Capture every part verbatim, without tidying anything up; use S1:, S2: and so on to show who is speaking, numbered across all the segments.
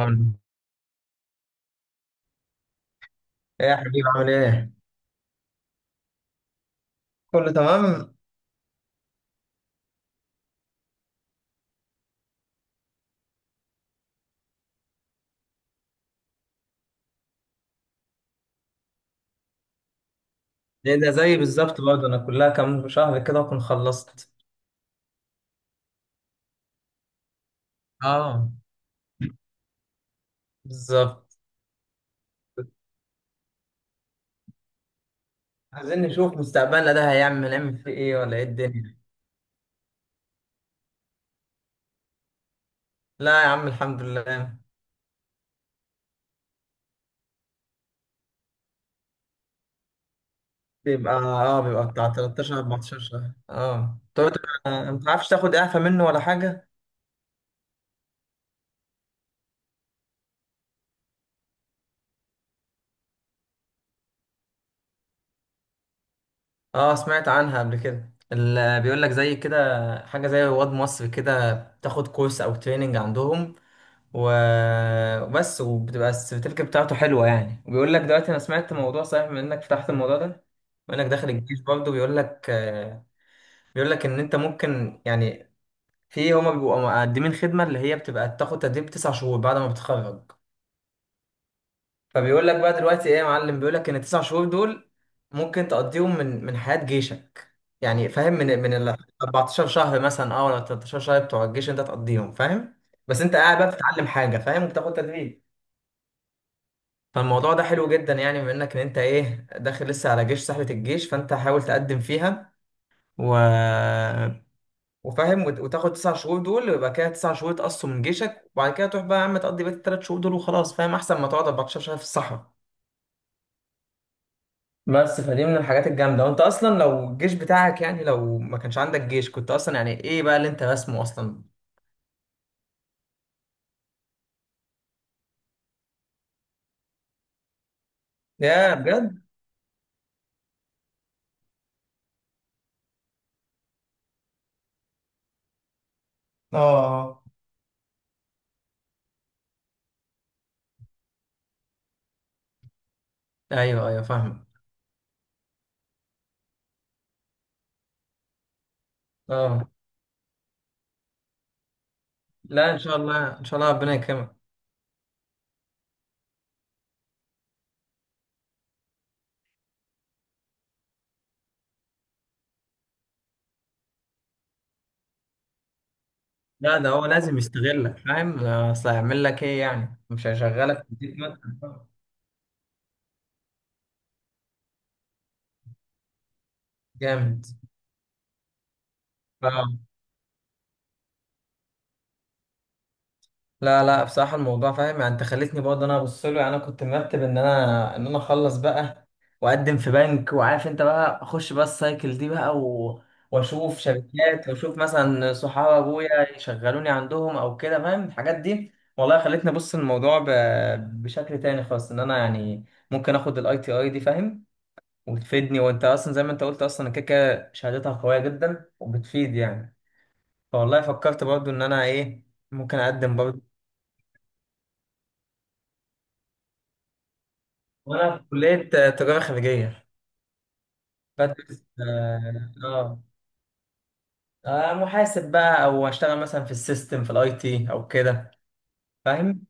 S1: عامل ايه يا حبيبي عامل ايه؟ كله تمام؟ ايه ده زي بالظبط برضه، انا كلها كام شهر كده اكون خلصت. اه بالظبط. عايزين نشوف مستقبلنا ده هيعمل نعمل فيه ايه، ولا ايه الدنيا؟ لا يا عم الحمد لله. بيبقى اه بيبقى بتاع تلتاشر اربعتاشر شهر اه تقعد. آه، ما تعرفش تاخد اعفاء منه ولا حاجة؟ اه سمعت عنها قبل كده، اللي بيقول لك زي كده حاجة زي رواد مصر كده، تاخد كورس او تريننج عندهم. و- وبس، وبتبقى السيرتيفيكت بتاعته حلوه يعني. وبيقول لك دلوقتي، انا سمعت موضوع صحيح من انك فتحت الموضوع ده، وانك داخل الجيش برضه، بيقول لك آه، بيقول لك ان انت ممكن يعني في هما بيبقوا مقدمين خدمه، اللي هي بتبقى بتاخد تدريب تسع شهور بعد ما بتتخرج. فبيقول لك بقى دلوقتي ايه يا معلم، بيقول لك ان التسع شهور دول ممكن تقضيهم من من حياه جيشك. يعني فاهم، من من ال اربعة عشر شهر مثلا اه ولا ثلاثة عشر شهر بتوع الجيش انت تقضيهم فاهم. بس انت قاعد بقى بتتعلم حاجه فاهم، وبتاخد تدريب. فالموضوع ده حلو جدا يعني، بما انك ان انت ايه، داخل لسه على جيش، سحلة الجيش، فانت حاول تقدم فيها. و... وفاهم وت- وتاخد تسع شهور دول، ويبقى كده تسع شهور تقصوا من جيشك، وبعد كده تروح بقى يا عم تقضي بقية التلات شهور دول وخلاص فاهم، احسن ما تقعد اربعتاشر شهر في الصحراء. بس فدي من الحاجات الجامدة، وانت اصلا لو الجيش بتاعك يعني، لو ما كانش عندك جيش كنت اصلا يعني ايه بقى اللي انت رسمه اصلا؟ يا بجد. اه ايوه ايوه فاهمك. اه، لا ان شاء الله ان شاء الله ربنا يكرمك. لا ده هو لازم يستغلك فاهم، اصل هيعمل لك ايه يعني؟ مش هيشغلك يديك مثلا. جامد. ف- لا لا بصراحه الموضوع فاهم يعني، انت خليتني برضه انا ابص له. يعني انا كنت مرتب ان انا ان انا اخلص بقى، واقدم في بنك، وعارف انت بقى اخش بقى السايكل دي بقى. و... واشوف شركات، واشوف مثلا صحاب ابويا يشغلوني عندهم او كده، فاهم الحاجات دي. والله خلتني ابص الموضوع ب... بشكل تاني خالص، ان انا يعني ممكن اخد الاي تي اي دي فاهم، وتفيدني. وانت اصلا زي ما انت قلت، اصلا كده كده شهادتها قويه جدا وبتفيد يعني. فوالله فكرت برضو ان انا ايه، ممكن اقدم برضو. وانا في كليه آه، تجاره خارجيه بدرس اه آه، آه، محاسب بقى، او اشتغل مثلا في السيستم في الاي تي او كده فاهم.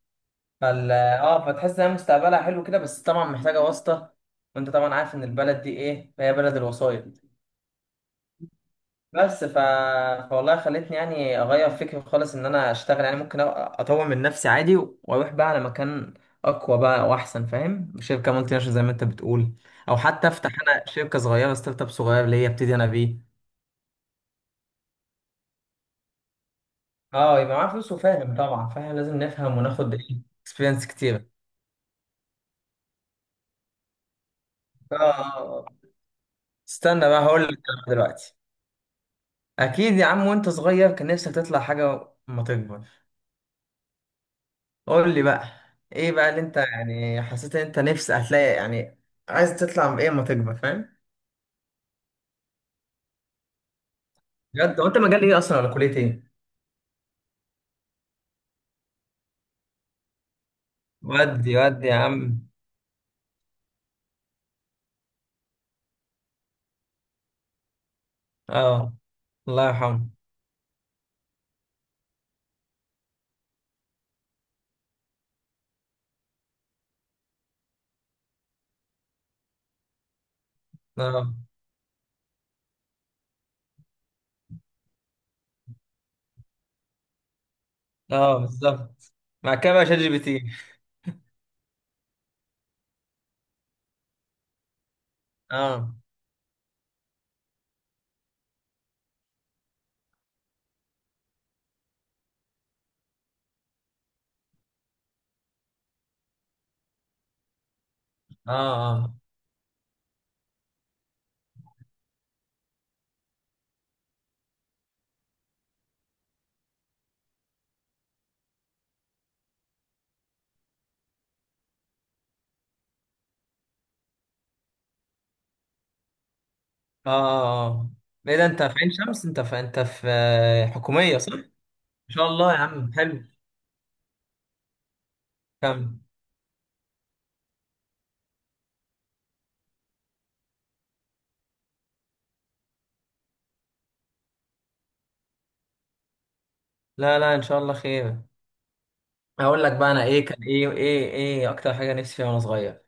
S1: فال اه فتحس ان هي مستقبلها حلو كده، بس طبعا محتاجه واسطه. وانت طبعا عارف ان البلد دي ايه، هي بلد الوسائط. بس ف... فوالله خلتني يعني اغير فكري خالص، ان انا اشتغل يعني ممكن أ- اطور من نفسي عادي، واروح بقى على مكان اقوى بقى واحسن فاهم، شركه مالتي ناشونال زي ما انت بتقول. او حتى افتح انا شركه صغيره، ستارت اب صغير ليا ابتدي انا بيه. اه يبقى معاه فلوس وفاهم طبعا فاهم، لازم نفهم وناخد ايه اكسبيرينس كتير. اه، استنى بقى هقول لك أنا دلوقتي. اكيد يا عم، وانت صغير كان نفسك تطلع حاجه ما تكبر؟ قول لي بقى، ايه بقى اللي انت يعني حسيت ان انت نفسك هتلاقي يعني، عايز تطلع بايه اما تكبر فاهم؟ بجد، هو انت مجال ايه اصلا ولا كليه ايه؟ ودي ودي يا عم. اه الله يرحمه. اه اه بالظبط. مع كده بقى شات جي بي تي. اه اه اه اه اه، ايه ده انت في عين شمس، انت في انت في آه، حكوميه صح؟ ان شاء الله يا عم حلو. كمل. لا لا ان شاء الله خير. هقول لك بقى انا ايه كان ايه ايه ايه اكتر حاجه نفسي فيها وانا صغير.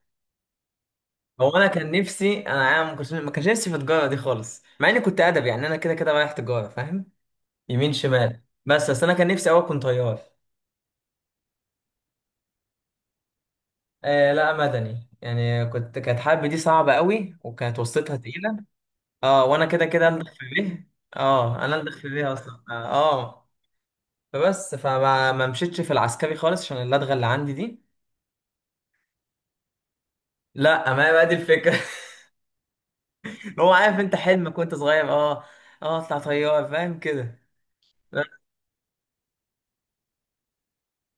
S1: هو انا كان نفسي انا عام- ما كنتش ما كانش نفسي في التجاره دي خالص، مع اني كنت ادبي يعني. انا كده كده رايح تجاره فاهم يمين شمال، بس بس انا كان نفسي اوي اكون طيار. آه لا مدني، يعني كنت كانت حرب دي صعبه قوي، وكانت وسطتها تقيله. اه، وانا كده كده اندخ في بيه. اه، انا اندخ في بيه اصلا اه آه. فبس، فما ما مشيتش في العسكري خالص، عشان اللدغه اللي عندي دي. لا ما هي بقى دي الفكره. هو عارف، انت حلمك وانت صغير اه، اه اطلع طيار فاهم كده.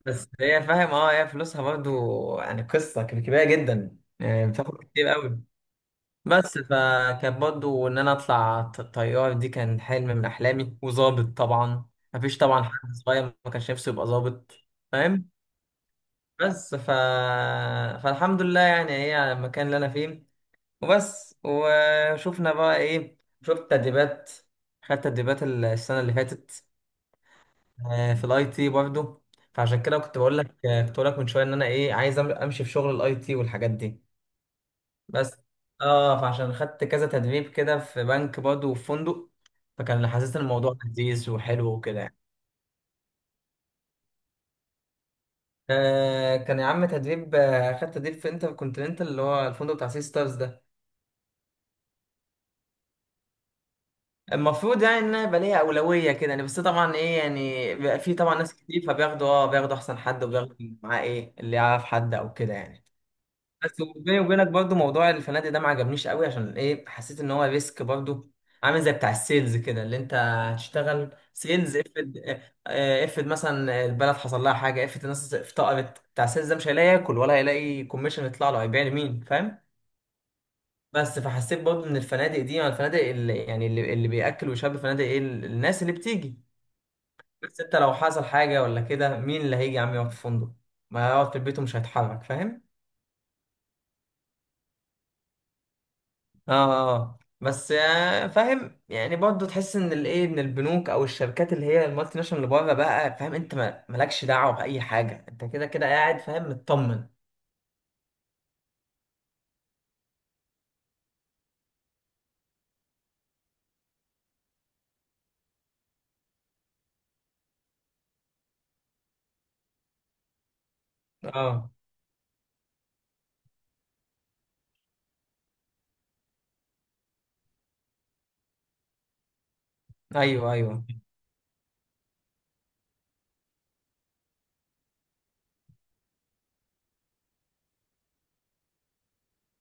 S1: بس هي فاهم اه، هي فلوسها برضو يعني قصة كبيرة جدا يعني، بتاخد كتير قوي. بس فكان برضو ان انا اطلع ط- طيار، دي كان حلم من احلامي. وظابط طبعا، مفيش طبعا حد صغير ما كانش نفسه يبقى ظابط فاهم. بس ف... فالحمد لله يعني، هي على المكان اللي انا فيه. وبس وشوفنا بقى ايه، شفت تدريبات، خدت تدريبات السنة اللي فاتت آه، في الاي تي برضه. فعشان كده كنت بقول لك آه، كنت بقول لك من شويه، ان انا ايه عايز أم- امشي في شغل الاي تي والحاجات دي. بس اه، فعشان خدت كذا تدريب كده، في بنك برضه وفي فندق. فكان حاسس ان الموضوع لذيذ وحلو وكده يعني. آه كان يا عم تدريب، آه، خدت تدريب في انتر كونتيننتال، اللي هو الفندق بتاع سي ستارز ده. المفروض يعني ان انا يبقى ليا اولويه كده يعني، بس طبعا ايه يعني، بيبقى في طبعا ناس كتير، فبياخدوا اه بياخدوا احسن حد، وبياخدوا معاه ايه اللي يعرف حد او كده يعني. بس بيني وبينك برضو، موضوع الفنادق ده ما عجبنيش قوي، عشان ايه، حسيت ان هو ريسك برضو، عامل زي بتاع السيلز كده، اللي انت هتشتغل سيلز. افرض اه، افرض مثلا البلد حصل لها حاجه، افرض الناس افتقرت، بتاع السيلز ده مش هيلاقي ياكل، ولا هيلاقي كوميشن يطلع له، هيبيع لمين فاهم؟ بس فحسيت برضو ان الفنادق دي يعني الفنادق اللي يعني، اللي, اللي بياكل ويشرب الفنادق، ايه، الناس اللي بتيجي. بس انت لو حصل حاجه ولا كده، مين اللي هيجي يا عم يقعد في فندق؟ ما هيقعد في البيت ومش هيتحرك فاهم. اه آه. بس آه، فاهم يعني برضه، تحس ان الايه، ان البنوك او الشركات اللي هي المالتي ناشونال اللي بره بقى فاهم، انت ما- مالكش دعوه باي حاجه، انت كده كده قاعد فاهم مطمن. اه ايوه ايوه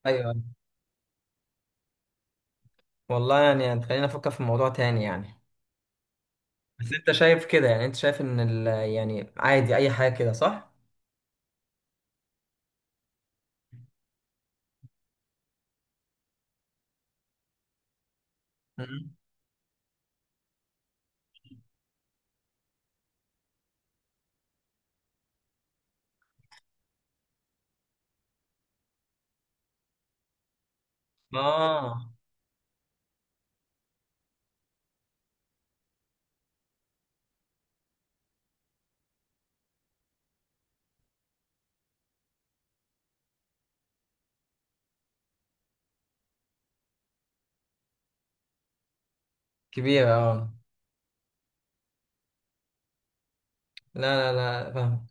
S1: ايوه ايوه. والله يعني خلينا نفكر في الموضوع تاني يعني. بس انت شايف كده يعني، انت شايف ان ال، يعني عادي اي حاجه كده صح؟ مم. اه كبيره اه. لا لا لا فاهم.